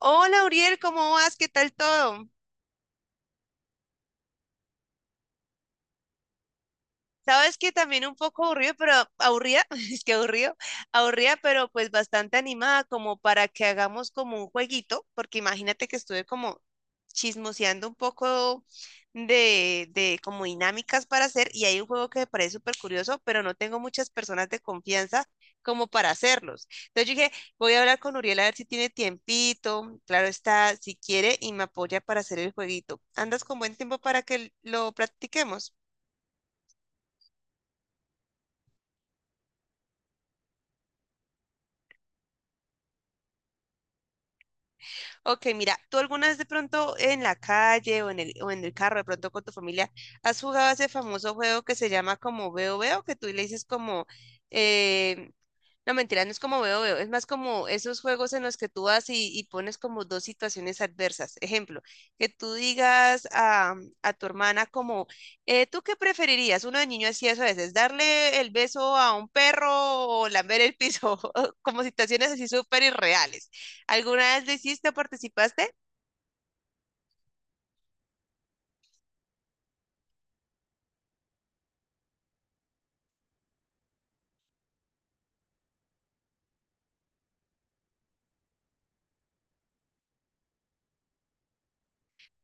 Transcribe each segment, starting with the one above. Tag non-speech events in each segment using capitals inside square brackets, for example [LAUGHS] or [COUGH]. Hola, Uriel, ¿cómo vas? ¿Qué tal todo? Sabes que también un poco aburrido, pero aburrida, [LAUGHS] es que aburrido, aburrida, pero pues bastante animada como para que hagamos como un jueguito, porque imagínate que estuve como chismoseando un poco de como dinámicas para hacer y hay un juego que me parece súper curioso, pero no tengo muchas personas de confianza como para hacerlos. Entonces yo dije, voy a hablar con Uriel a ver si tiene tiempito, claro está, si quiere y me apoya para hacer el jueguito. ¿Andas con buen tiempo para que lo practiquemos? Ok, mira, ¿tú alguna vez de pronto en la calle o en el carro, de pronto con tu familia, has jugado ese famoso juego que se llama como Veo Veo, que tú le dices como, eh, no, mentira, no es como veo, veo, es más como esos juegos en los que tú vas y pones como dos situaciones adversas. Ejemplo, que tú digas a tu hermana como, ¿tú qué preferirías? Uno de niño hacía eso a veces, darle el beso a un perro o lamber el piso, [LAUGHS] como situaciones así súper irreales. ¿Alguna vez lo hiciste o participaste?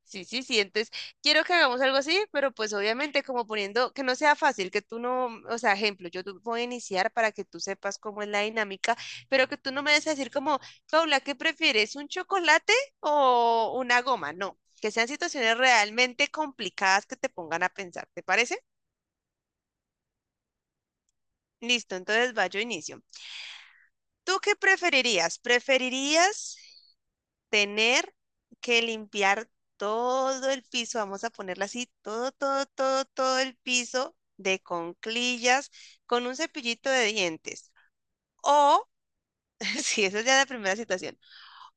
Sí, sí, sí. Entonces, quiero que hagamos algo así, pero pues obviamente como poniendo que no sea fácil, que tú no, o sea, ejemplo, yo te voy a iniciar para que tú sepas cómo es la dinámica, pero que tú no me des a decir como, Paula, ¿qué prefieres? ¿Un chocolate o una goma? No, que sean situaciones realmente complicadas que te pongan a pensar, ¿te parece? Listo, entonces va, yo inicio. ¿Tú qué preferirías? ¿Preferirías tener que limpiar todo el piso, vamos a ponerla así, todo, todo, todo, todo el piso de conclillas con un cepillito de dientes? O, [LAUGHS] si esa es ya la primera situación,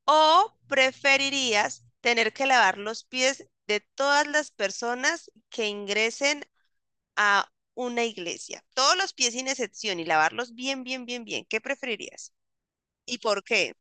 o preferirías tener que lavar los pies de todas las personas que ingresen a una iglesia, todos los pies sin excepción y lavarlos bien, bien, bien, bien. ¿Qué preferirías? ¿Y por qué?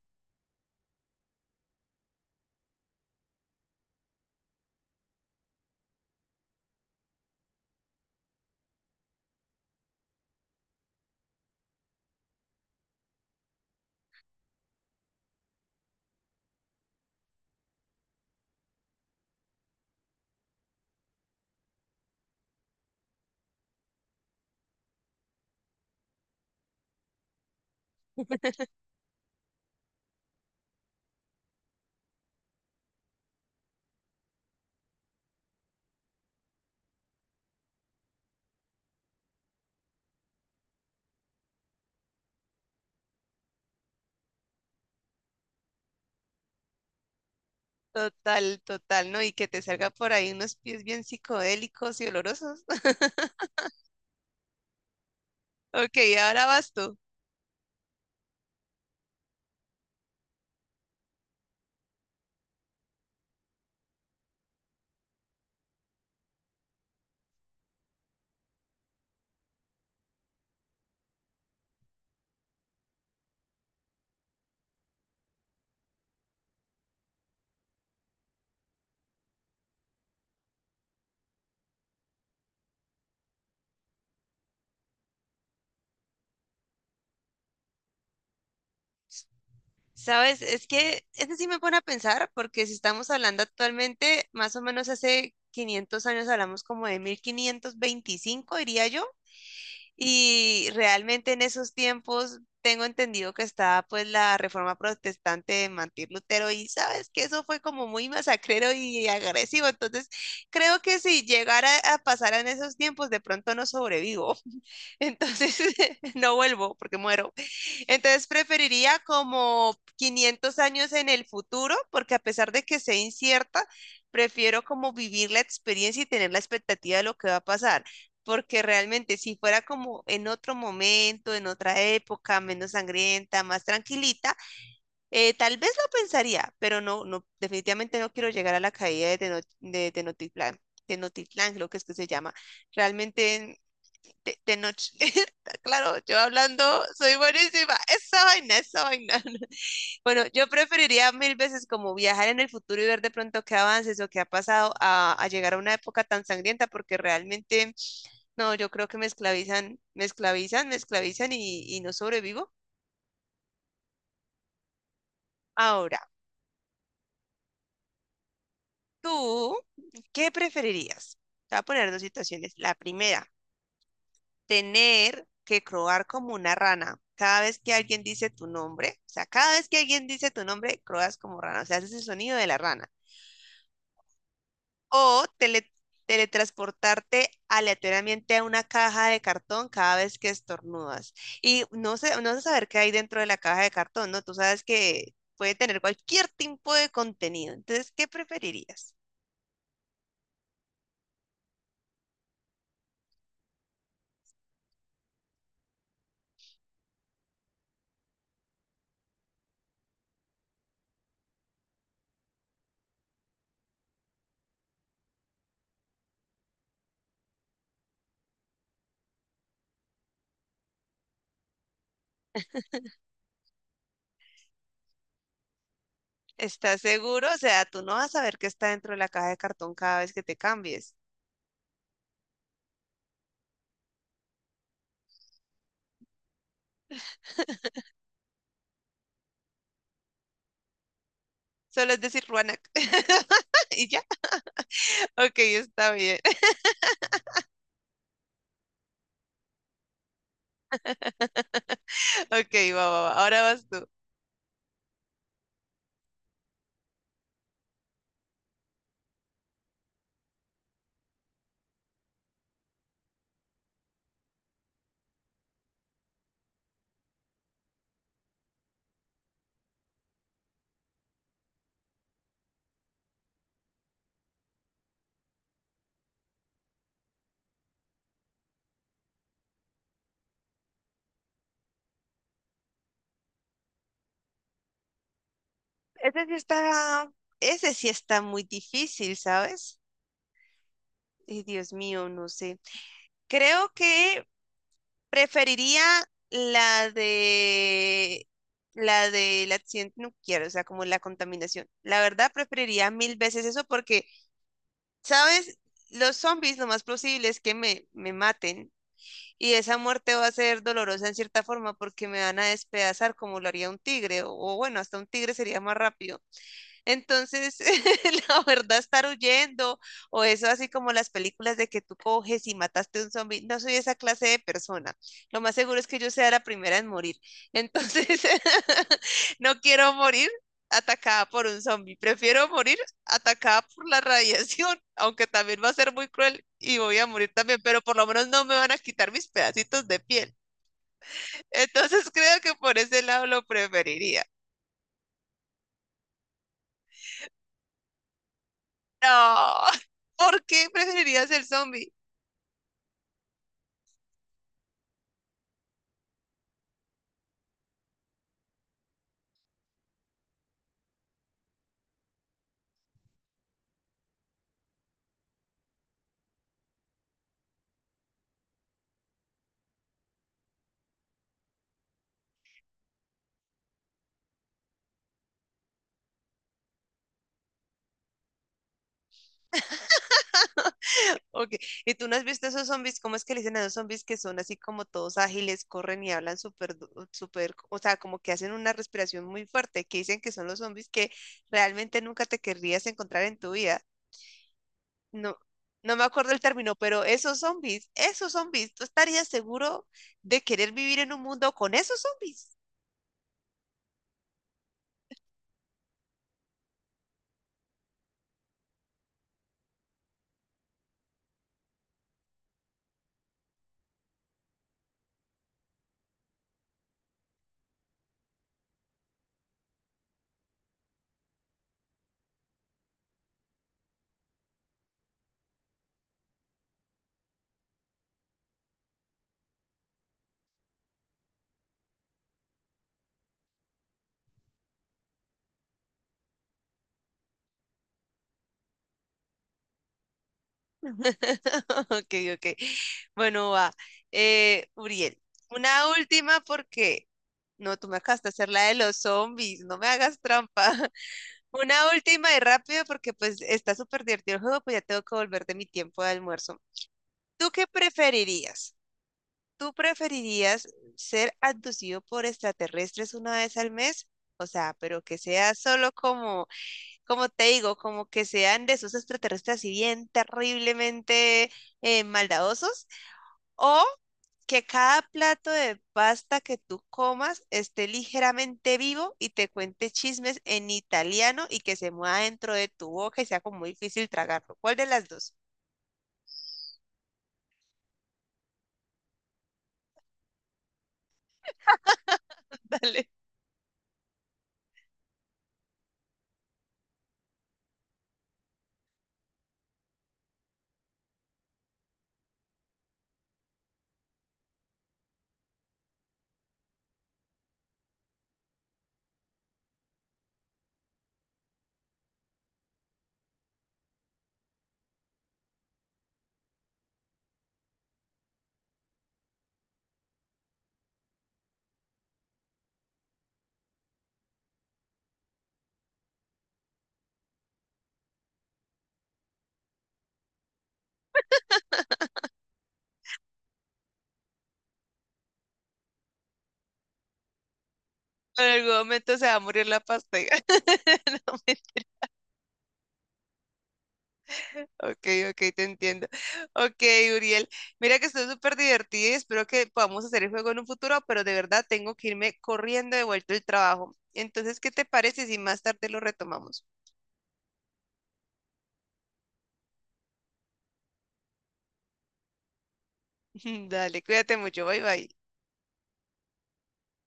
Total, total, ¿no? Y que te salga por ahí unos pies bien psicodélicos y olorosos. [LAUGHS] Ok, ahora vas tú. Sabes, es que este sí me pone a pensar, porque si estamos hablando actualmente, más o menos hace 500 años hablamos como de 1525, diría yo. Y realmente en esos tiempos tengo entendido que estaba pues la reforma protestante de Martín Lutero y sabes que eso fue como muy masacrero y agresivo. Entonces creo que si llegara a pasar en esos tiempos de pronto no sobrevivo. Entonces, [LAUGHS] no vuelvo porque muero. Entonces, preferiría como 500 años en el futuro, porque a pesar de que sea incierta, prefiero como vivir la experiencia y tener la expectativa de lo que va a pasar. Porque realmente si fuera como en otro momento, en otra época, menos sangrienta, más tranquilita, tal vez lo pensaría, pero no, no, definitivamente no quiero llegar a la caída de, Tenochtitlán, Tenochtitlán, creo que es que se llama. Realmente de noche. [LAUGHS] Claro, yo hablando soy buenísima. Esa vaina, esa vaina. [LAUGHS] Bueno, yo preferiría mil veces como viajar en el futuro y ver de pronto qué avances o qué ha pasado a llegar a una época tan sangrienta, porque realmente, no, yo creo que me esclavizan, me esclavizan, me esclavizan y no sobrevivo. Ahora, ¿tú qué preferirías? Te voy a poner dos situaciones. La primera, tener que croar como una rana. Cada vez que alguien dice tu nombre, o sea, cada vez que alguien dice tu nombre, croas como rana, o sea, haces el sonido de la rana. O teletransportarte aleatoriamente a una caja de cartón cada vez que estornudas. Y no sé, no sé saber qué hay dentro de la caja de cartón, ¿no? Tú sabes que puede tener cualquier tipo de contenido. Entonces, ¿qué preferirías? ¿Estás seguro? O sea, tú no vas a saber qué está dentro de la caja de cartón cada vez que te cambies. Solo es decir Ruanac. [LAUGHS] Y ya. Ok, está bien. [LAUGHS] Ok, va, va, va. Ahora vas tú. Ese sí está, ese sí está muy difícil, ¿sabes? Ay, Dios mío, no sé. Creo que preferiría la de la del accidente nuclear, o sea, como la contaminación. La verdad, preferiría mil veces eso porque, ¿sabes? Los zombies lo más posible es que me maten y esa muerte va a ser dolorosa en cierta forma porque me van a despedazar como lo haría un tigre, o bueno, hasta un tigre sería más rápido, entonces, [LAUGHS] la verdad, estar huyendo o eso así como las películas de que tú coges y mataste a un zombie, no soy esa clase de persona. Lo más seguro es que yo sea la primera en morir. Entonces, [LAUGHS] no quiero morir atacada por un zombie. Prefiero morir atacada por la radiación, [LAUGHS] aunque también va a ser muy cruel y voy a morir también, pero por lo menos no me van a quitar mis pedacitos de piel. [LAUGHS] Entonces, creo que por ese lado lo preferiría. No, [LAUGHS] ¿por qué preferirías el zombie? Okay. ¿Y tú no has visto esos zombies? ¿Cómo es que le dicen a los zombies que son así como todos ágiles, corren y hablan súper, súper, o sea, como que hacen una respiración muy fuerte, que dicen que son los zombies que realmente nunca te querrías encontrar en tu vida? No, no me acuerdo el término, pero esos zombies, ¿tú estarías seguro de querer vivir en un mundo con esos zombies? [LAUGHS] Ok, ok. Bueno, va. Uriel, una última porque no, tú me acabas de hacer la de los zombies, no me hagas trampa. [LAUGHS] Una última y rápido porque pues está súper divertido el juego, pues ya tengo que volver de mi tiempo de almuerzo. ¿Tú qué preferirías? ¿Tú preferirías ser abducido por extraterrestres una vez al mes? O sea, pero que sea solo como, como te digo, como que sean de esos extraterrestres así bien terriblemente maldadosos o que cada plato de pasta que tú comas esté ligeramente vivo y te cuente chismes en italiano y que se mueva dentro de tu boca y sea como muy difícil tragarlo. ¿Cuál de las dos? [LAUGHS] Dale. En algún momento se va a morir la pasta. [LAUGHS] No, ok, ok, te entiendo. Ok, Uriel. Mira que estoy súper divertida y espero que podamos hacer el juego en un futuro, pero de verdad tengo que irme corriendo de vuelta al trabajo. Entonces, ¿qué te parece si más tarde lo retomamos? [LAUGHS] Dale, cuídate mucho. Bye, bye.